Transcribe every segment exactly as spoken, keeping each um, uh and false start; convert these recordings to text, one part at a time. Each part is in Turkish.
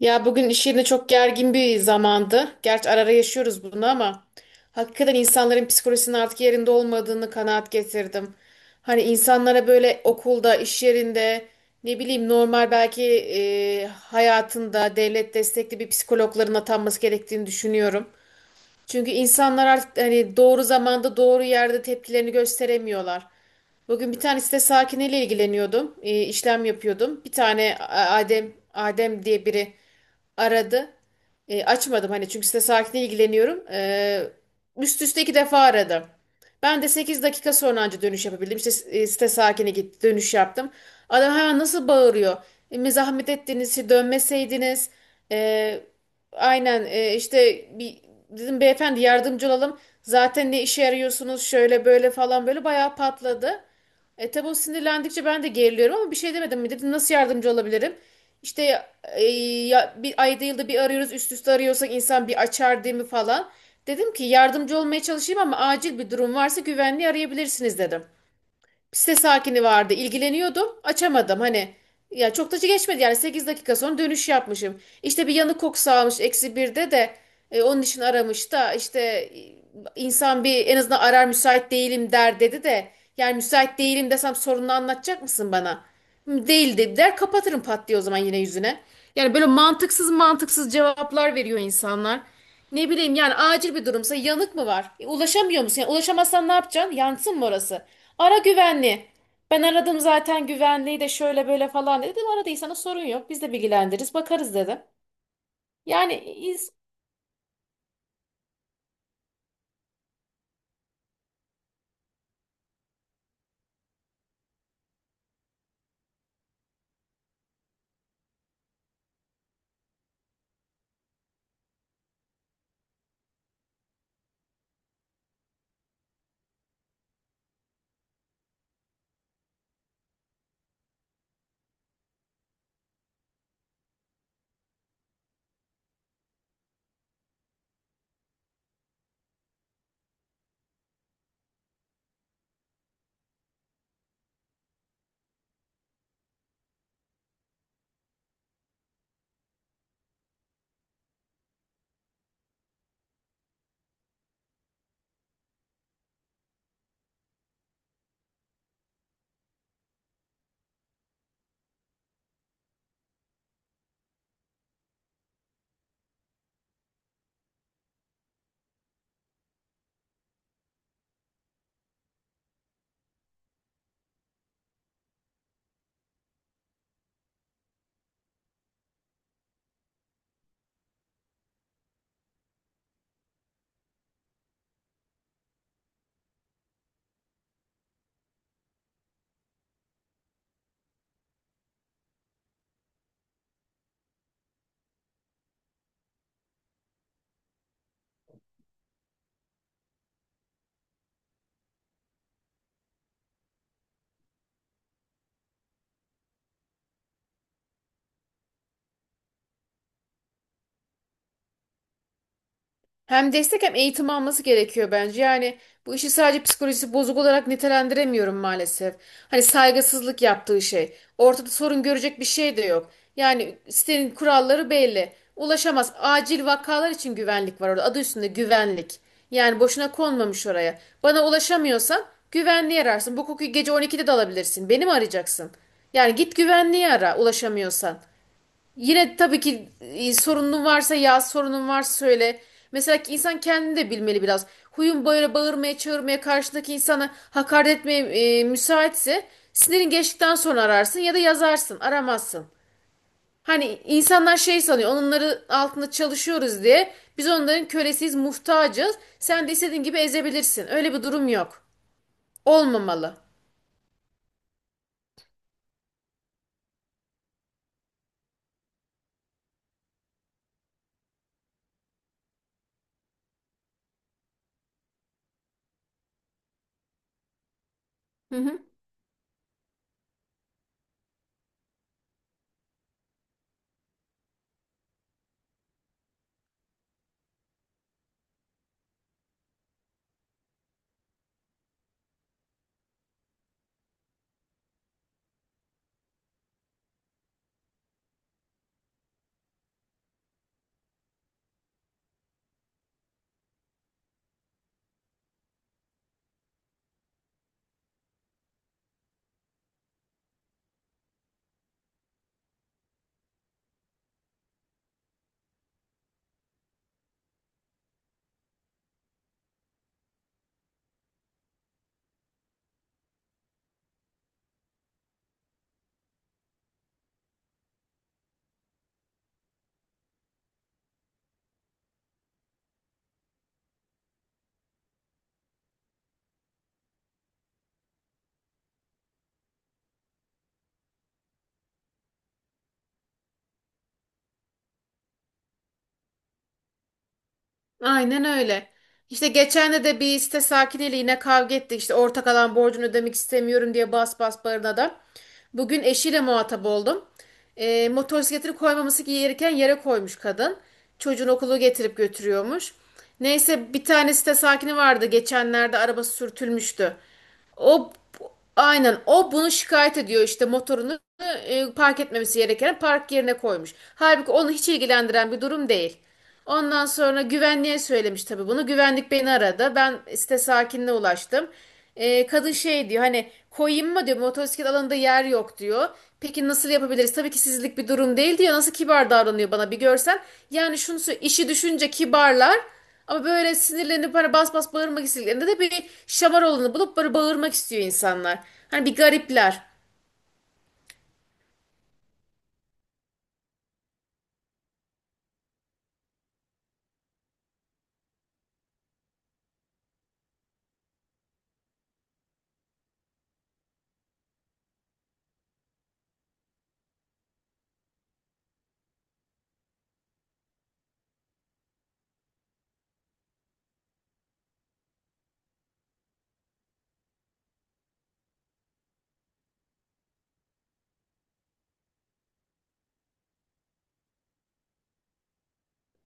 Ya bugün iş yerine çok gergin bir zamandı. Gerçi ara ara yaşıyoruz bunu ama hakikaten insanların psikolojisinin artık yerinde olmadığını kanaat getirdim. Hani insanlara böyle okulda, iş yerinde, ne bileyim normal belki e, hayatında devlet destekli bir psikologların atanması gerektiğini düşünüyorum. Çünkü insanlar artık hani doğru zamanda doğru yerde tepkilerini gösteremiyorlar. Bugün bir tane site sakiniyle ilgileniyordum. e, işlem yapıyordum. Bir tane A- Adem Adem diye biri aradı. E, açmadım hani çünkü site sakiniyle ilgileniyorum. E, üst üste iki defa aradı. Ben de sekiz dakika sonra anca dönüş yapabildim. İşte e, site sakini gitti, dönüş yaptım. Adam hemen nasıl bağırıyor. E, mi zahmet ettiniz, işte dönmeseydiniz. E, Aynen, e, işte bir dedim beyefendi yardımcı olalım. Zaten ne işe yarıyorsunuz şöyle böyle falan böyle bayağı patladı. E tabi o sinirlendikçe ben de geriliyorum ama bir şey demedim mi? Dedim nasıl yardımcı olabilirim? İşte e, ya, bir ayda yılda bir arıyoruz, üst üste arıyorsak insan bir açar değil mi falan. Dedim ki yardımcı olmaya çalışayım ama acil bir durum varsa güvenliği arayabilirsiniz dedim. Bir site sakini vardı, ilgileniyordum. Açamadım hani. Ya çok da geçmedi yani, sekiz dakika sonra dönüş yapmışım. İşte bir yanık kokusu almış eksi birde de e, onun için aramış da işte e, insan bir en azından arar müsait değilim der, dedi de yani müsait değilim desem sorununu anlatacak mısın bana? Hı, değil dedi, der kapatırım pat diye o zaman yine yüzüne. Yani böyle mantıksız mantıksız cevaplar veriyor insanlar. Ne bileyim yani, acil bir durumsa yanık mı var? E, ulaşamıyor musun? Yani ulaşamazsan ne yapacaksın? Yansın mı orası? Ara güvenli. Ben aradım zaten güvenliği de şöyle böyle falan dedi. Dedim aradıysanız sorun yok. Biz de bilgilendiririz, bakarız dedim. Yani iz- Hem destek hem eğitim alması gerekiyor bence. Yani bu işi sadece psikolojisi bozuk olarak nitelendiremiyorum maalesef. Hani saygısızlık yaptığı şey. Ortada sorun görecek bir şey de yok. Yani sitenin kuralları belli. Ulaşamaz. Acil vakalar için güvenlik var orada. Adı üstünde güvenlik. Yani boşuna konmamış oraya. Bana ulaşamıyorsan güvenliği ararsın. Bu kokuyu gece on ikide de alabilirsin. Beni mi arayacaksın? Yani git güvenliği ara ulaşamıyorsan. Yine tabii ki e, sorunun varsa yaz, sorunun varsa söyle. Mesela ki insan kendini de bilmeli biraz. Huyun böyle bağırmaya, çağırmaya, karşıdaki insana hakaret etmeye e, müsaitse sinirin geçtikten sonra ararsın ya da yazarsın, aramazsın. Hani insanlar şey sanıyor, onları altında çalışıyoruz diye biz onların kölesiyiz, muhtacız. Sen de istediğin gibi ezebilirsin. Öyle bir durum yok. Olmamalı. Hı hı. Aynen öyle. İşte geçen de bir site sakiniyle yine kavga ettik. İşte ortak alan borcunu ödemek istemiyorum diye bas bas bağıran adam. Bugün eşiyle muhatap oldum. E, motosikletini koymaması gereken yere koymuş kadın. Çocuğun okulu getirip götürüyormuş. Neyse bir tane site sakini vardı. Geçenlerde arabası sürtülmüştü. O aynen o bunu şikayet ediyor, işte motorunu e, park etmemesi gereken park yerine koymuş. Halbuki onu hiç ilgilendiren bir durum değil. Ondan sonra güvenliğe söylemiş tabii bunu. Güvenlik beni aradı. Ben site sakinine ulaştım. E, kadın şey diyor, hani koyayım mı diyor, motosiklet alanında yer yok diyor. Peki nasıl yapabiliriz? Tabii ki sizlik bir durum değil diyor. Nasıl kibar davranıyor bana bir görsen. Yani şunu sö- işi düşünce kibarlar. Ama böyle sinirlenip hani bas bas bağırmak istediklerinde de bir şamar olanı bulup böyle bağırmak istiyor insanlar. Hani bir garipler.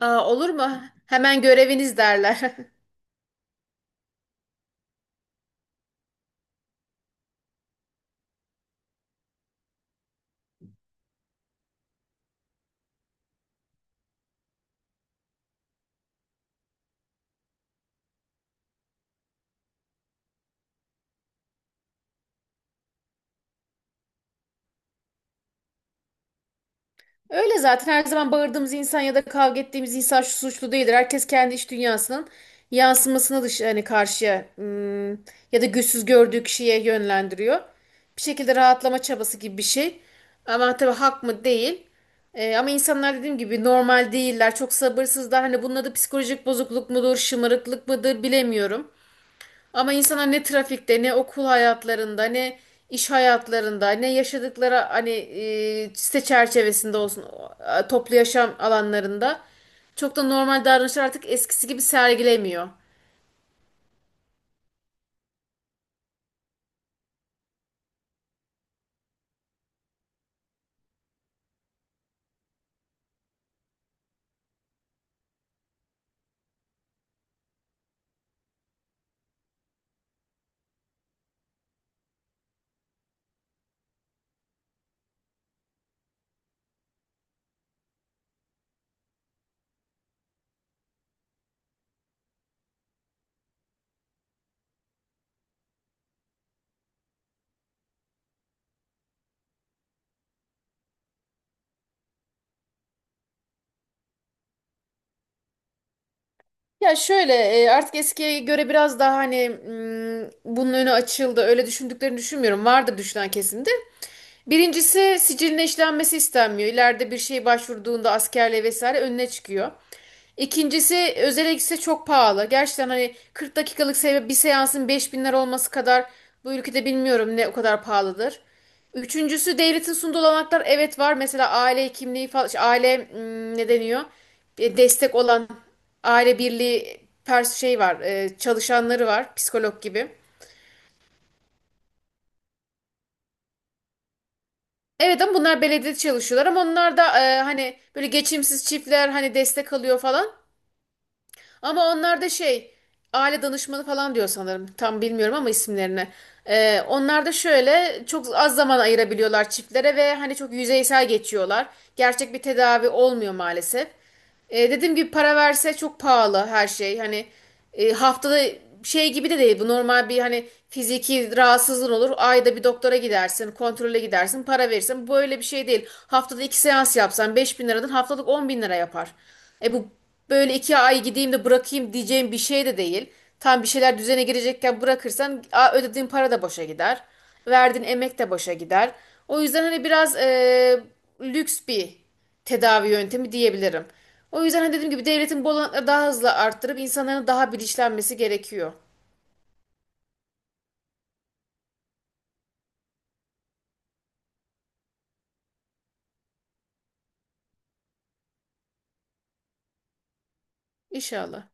Aa, olur mu? Hemen göreviniz derler. Öyle zaten her zaman bağırdığımız insan ya da kavga ettiğimiz insan şu suçlu değildir. Herkes kendi iç dünyasının yansımasını dış hani karşıya, hmm, ya da güçsüz gördüğü kişiye yönlendiriyor. Bir şekilde rahatlama çabası gibi bir şey. Ama tabii hak mı değil. Ee, ama insanlar dediğim gibi normal değiller. Çok sabırsızlar. Hani bunun adı psikolojik bozukluk mudur, şımarıklık mıdır bilemiyorum. Ama insana ne trafikte, ne okul hayatlarında, ne iş hayatlarında, ne yaşadıkları hani e, site çerçevesinde olsun o- toplu yaşam alanlarında çok da normal davranışlar artık eskisi gibi sergilemiyor. Ya şöyle e, artık eskiye göre biraz daha hani mm, bunun önü açıldı. Öyle düşündüklerini düşünmüyorum. Vardır düşünen kesin de. Birincisi siciline işlenmesi istenmiyor. İleride bir şey başvurduğunda askerle vesaire önüne çıkıyor. İkincisi özele gitse çok pahalı. Gerçekten hani kırk dakikalık se- bir seansın beş bin lira olması kadar bu ülkede bilmiyorum ne o kadar pahalıdır. Üçüncüsü devletin sunduğu olanaklar evet var. Mesela aile kimliği falan, şey, aile mm, ne deniyor? E, Destek olan aile birliği pers şey var, e, çalışanları var, psikolog gibi. Evet ama bunlar belediyede çalışıyorlar ama onlar da e, hani böyle geçimsiz çiftler hani destek alıyor falan. Ama onlar da şey aile danışmanı falan diyor sanırım. Tam bilmiyorum ama isimlerini. E, onlar da şöyle çok az zaman ayırabiliyorlar çiftlere ve hani çok yüzeysel geçiyorlar. Gerçek bir tedavi olmuyor maalesef. E, dediğim gibi para verse çok pahalı her şey. Hani e, haftada şey gibi de değil. Bu normal bir hani fiziki rahatsızlığın olur. Ayda bir doktora gidersin, kontrole gidersin, para verirsin. Böyle bir şey değil. Haftada iki seans yapsan beş bin liradan haftalık on bin lira yapar. E bu böyle iki ay gideyim de bırakayım diyeceğim bir şey de değil. Tam bir şeyler düzene girecekken bırakırsan a, ödediğin para da boşa gider. Verdiğin emek de boşa gider. O yüzden hani biraz e, lüks bir tedavi yöntemi diyebilirim. O yüzden hani dediğim gibi devletin bu olanakları daha hızlı arttırıp insanların daha bilinçlenmesi gerekiyor. İnşallah.